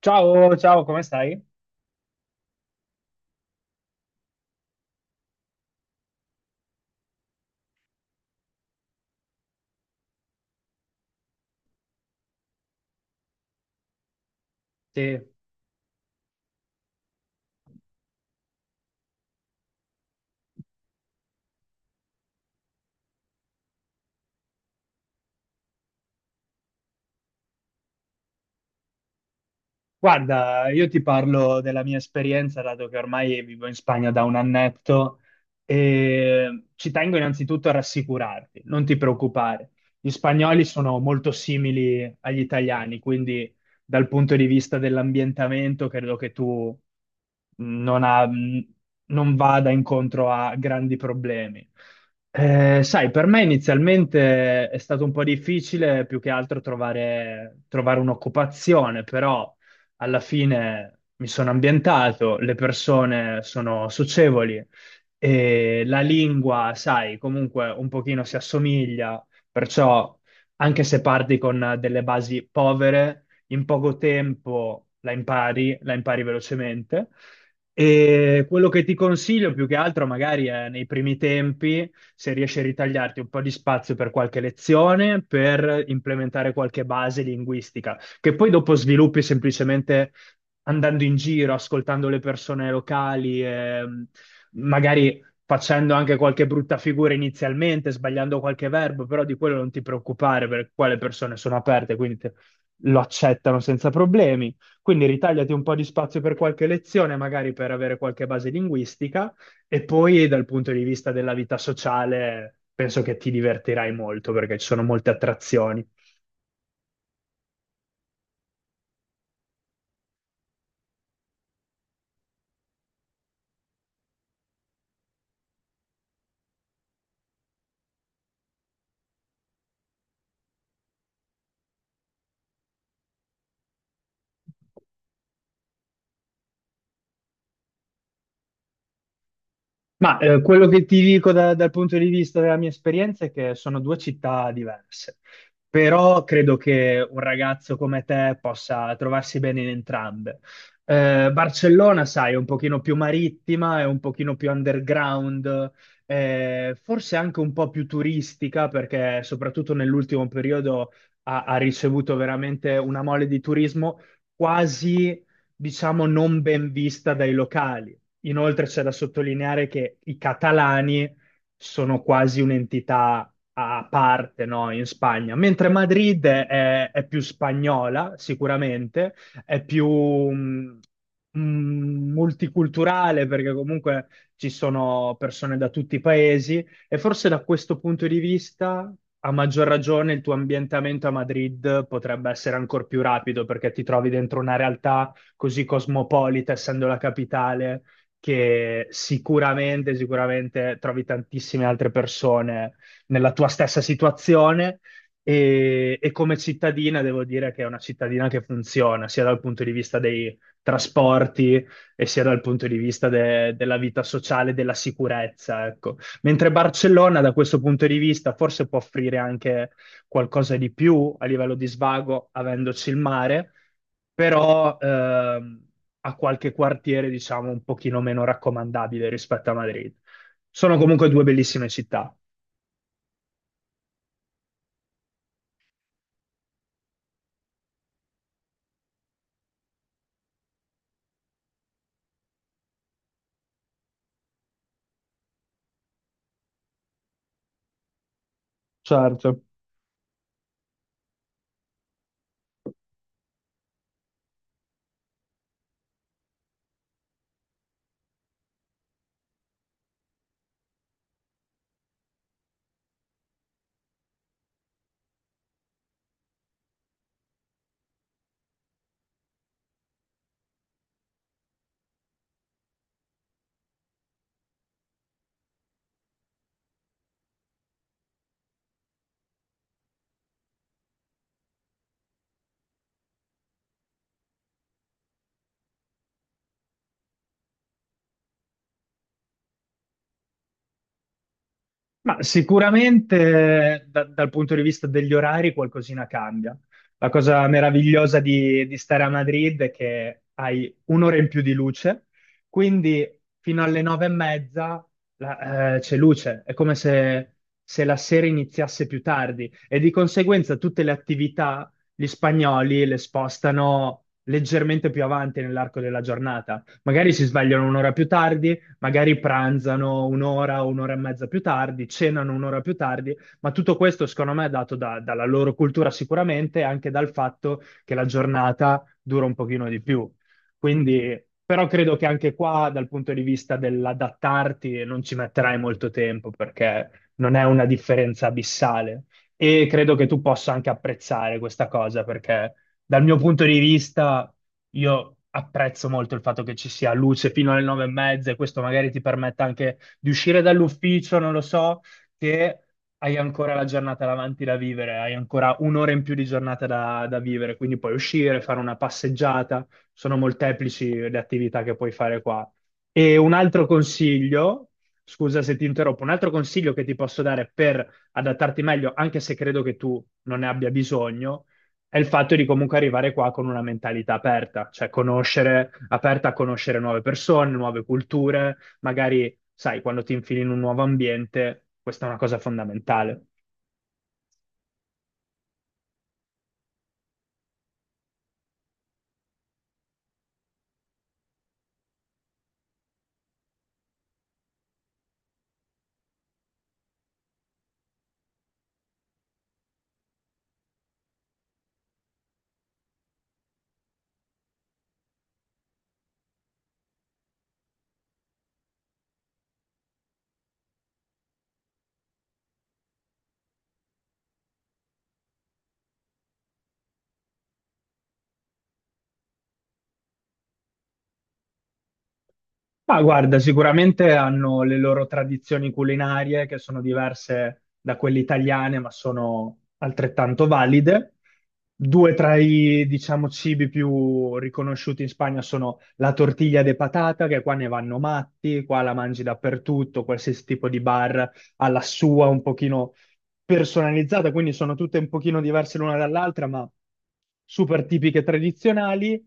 Ciao, ciao, come stai? Sì. Guarda, io ti parlo della mia esperienza, dato che ormai vivo in Spagna da un annetto, e ci tengo innanzitutto a rassicurarti, non ti preoccupare. Gli spagnoli sono molto simili agli italiani, quindi dal punto di vista dell'ambientamento credo che tu non, ha- non vada incontro a grandi problemi. Sai, per me inizialmente è stato un po' difficile più che altro trovare un'occupazione, però alla fine mi sono ambientato, le persone sono socievoli e la lingua, sai, comunque un pochino si assomiglia, perciò anche se parti con delle basi povere, in poco tempo la impari velocemente. E quello che ti consiglio più che altro magari è nei primi tempi, se riesci a ritagliarti un po' di spazio per qualche lezione, per implementare qualche base linguistica che poi dopo sviluppi semplicemente andando in giro, ascoltando le persone locali, magari facendo anche qualche brutta figura inizialmente, sbagliando qualche verbo, però di quello non ti preoccupare perché qua le persone sono aperte, quindi lo accettano senza problemi. Quindi ritagliati un po' di spazio per qualche lezione, magari per avere qualche base linguistica, e poi dal punto di vista della vita sociale penso che ti divertirai molto perché ci sono molte attrazioni. Ma quello che ti dico dal punto di vista della mia esperienza è che sono due città diverse, però credo che un ragazzo come te possa trovarsi bene in entrambe. Barcellona, sai, è un pochino più marittima, è un pochino più underground, forse anche un po' più turistica, perché soprattutto nell'ultimo periodo ha ricevuto veramente una mole di turismo quasi diciamo, non ben vista dai locali. Inoltre c'è da sottolineare che i catalani sono quasi un'entità a parte, no, in Spagna, mentre Madrid è più spagnola, sicuramente, è più mh, mh, multiculturale perché comunque ci sono persone da tutti i paesi e forse da questo punto di vista, a maggior ragione, il tuo ambientamento a Madrid potrebbe essere ancora più rapido perché ti trovi dentro una realtà così cosmopolita, essendo la capitale che sicuramente trovi tantissime altre persone nella tua stessa situazione e come cittadina devo dire che è una cittadina che funziona sia dal punto di vista dei trasporti e sia dal punto di vista della vita sociale, della sicurezza, ecco. Mentre Barcellona da questo punto di vista forse può offrire anche qualcosa di più a livello di svago, avendoci il mare però ha qualche quartiere, diciamo, un pochino meno raccomandabile rispetto a Madrid. Sono comunque due bellissime città. Certo. Ma sicuramente dal punto di vista degli orari qualcosina cambia. La cosa meravigliosa di stare a Madrid è che hai un'ora in più di luce, quindi fino alle nove e mezza c'è luce, è come se, se la sera iniziasse più tardi e di conseguenza tutte le attività gli spagnoli le spostano leggermente più avanti nell'arco della giornata. Magari si svegliano un'ora più tardi, magari pranzano un'ora o un'ora e mezza più tardi, cenano un'ora più tardi, ma tutto questo secondo me è dato dalla loro cultura sicuramente e anche dal fatto che la giornata dura un pochino di più. Quindi, però credo che anche qua, dal punto di vista dell'adattarti, non ci metterai molto tempo perché non è una differenza abissale. E credo che tu possa anche apprezzare questa cosa perché dal mio punto di vista, io apprezzo molto il fatto che ci sia luce fino alle nove e mezza e questo magari ti permette anche di uscire dall'ufficio, non lo so, che hai ancora la giornata davanti da vivere, hai ancora un'ora in più di giornata da vivere, quindi puoi uscire, fare una passeggiata, sono molteplici le attività che puoi fare qua. E un altro consiglio, scusa se ti interrompo, un altro consiglio che ti posso dare per adattarti meglio, anche se credo che tu non ne abbia bisogno, è il fatto di comunque arrivare qua con una mentalità aperta, cioè conoscere, aperta a conoscere nuove persone, nuove culture, magari, sai, quando ti infili in un nuovo ambiente, questa è una cosa fondamentale. Ma guarda, sicuramente hanno le loro tradizioni culinarie che sono diverse da quelle italiane, ma sono altrettanto valide. Due tra diciamo, cibi più riconosciuti in Spagna sono la tortiglia de patata, che qua ne vanno matti, qua la mangi dappertutto, qualsiasi tipo di bar ha la sua un pochino personalizzata, quindi sono tutte un pochino diverse l'una dall'altra, ma super tipiche tradizionali,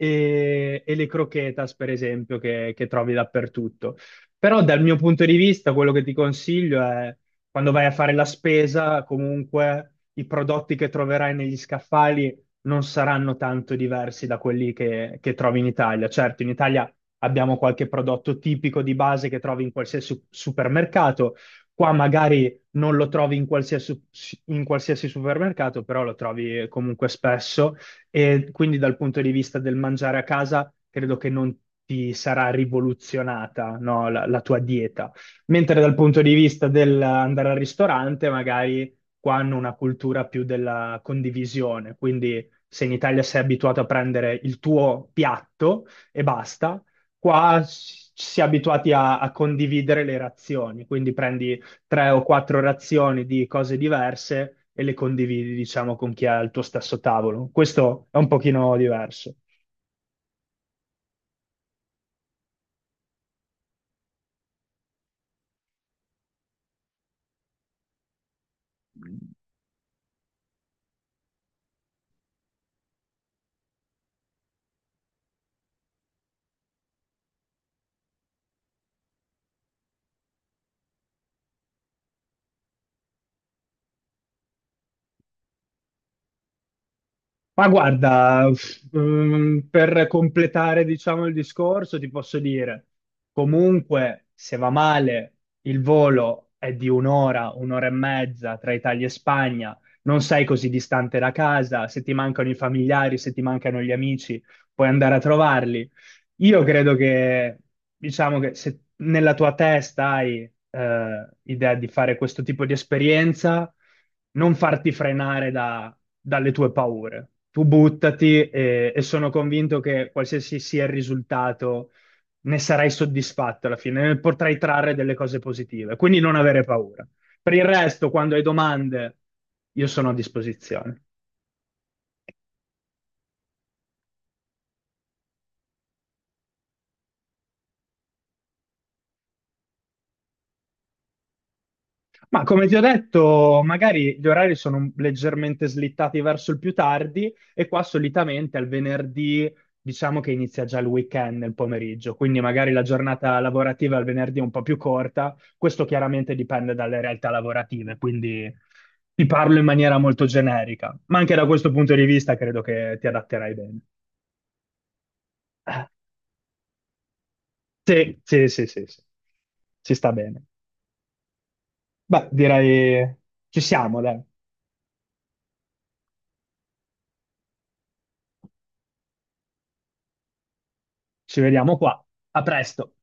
e le croquetas, per esempio, che trovi dappertutto. Però dal mio punto di vista, quello che ti consiglio è quando vai a fare la spesa, comunque i prodotti che troverai negli scaffali non saranno tanto diversi da quelli che trovi in Italia. Certo, in Italia abbiamo qualche prodotto tipico di base che trovi in qualsiasi supermercato. Qua magari non lo trovi in qualsiasi supermercato, però lo trovi comunque spesso e quindi dal punto di vista del mangiare a casa credo che non ti sarà rivoluzionata, no, la tua dieta. Mentre dal punto di vista dell'andare al ristorante, magari qua hanno una cultura più della condivisione, quindi se in Italia sei abituato a prendere il tuo piatto e basta, qua si è abituati a condividere le razioni, quindi prendi tre o quattro razioni di cose diverse e le condividi, diciamo, con chi ha il tuo stesso tavolo. Questo è un pochino diverso. Ma guarda, per completare, diciamo, il discorso, ti posso dire, comunque, se va male, il volo è di un'ora, un'ora e mezza tra Italia e Spagna, non sei così distante da casa, se ti mancano i familiari, se ti mancano gli amici, puoi andare a trovarli. Io credo che, diciamo che se nella tua testa hai idea di fare questo tipo di esperienza, non farti frenare dalle tue paure. Tu buttati e sono convinto che qualsiasi sia il risultato, ne sarai soddisfatto alla fine, ne potrai trarre delle cose positive. Quindi non avere paura. Per il resto, quando hai domande, io sono a disposizione. Ma come ti ho detto, magari gli orari sono leggermente slittati verso il più tardi e qua solitamente al venerdì diciamo che inizia già il weekend nel pomeriggio, quindi magari la giornata lavorativa al venerdì è un po' più corta, questo chiaramente dipende dalle realtà lavorative, quindi ti parlo in maniera molto generica, ma anche da questo punto di vista credo che ti adatterai bene. Ah. Sì, sì, sì, sì, sì. Ci sta bene. Beh, direi ci siamo, dai. Ci vediamo qua. A presto.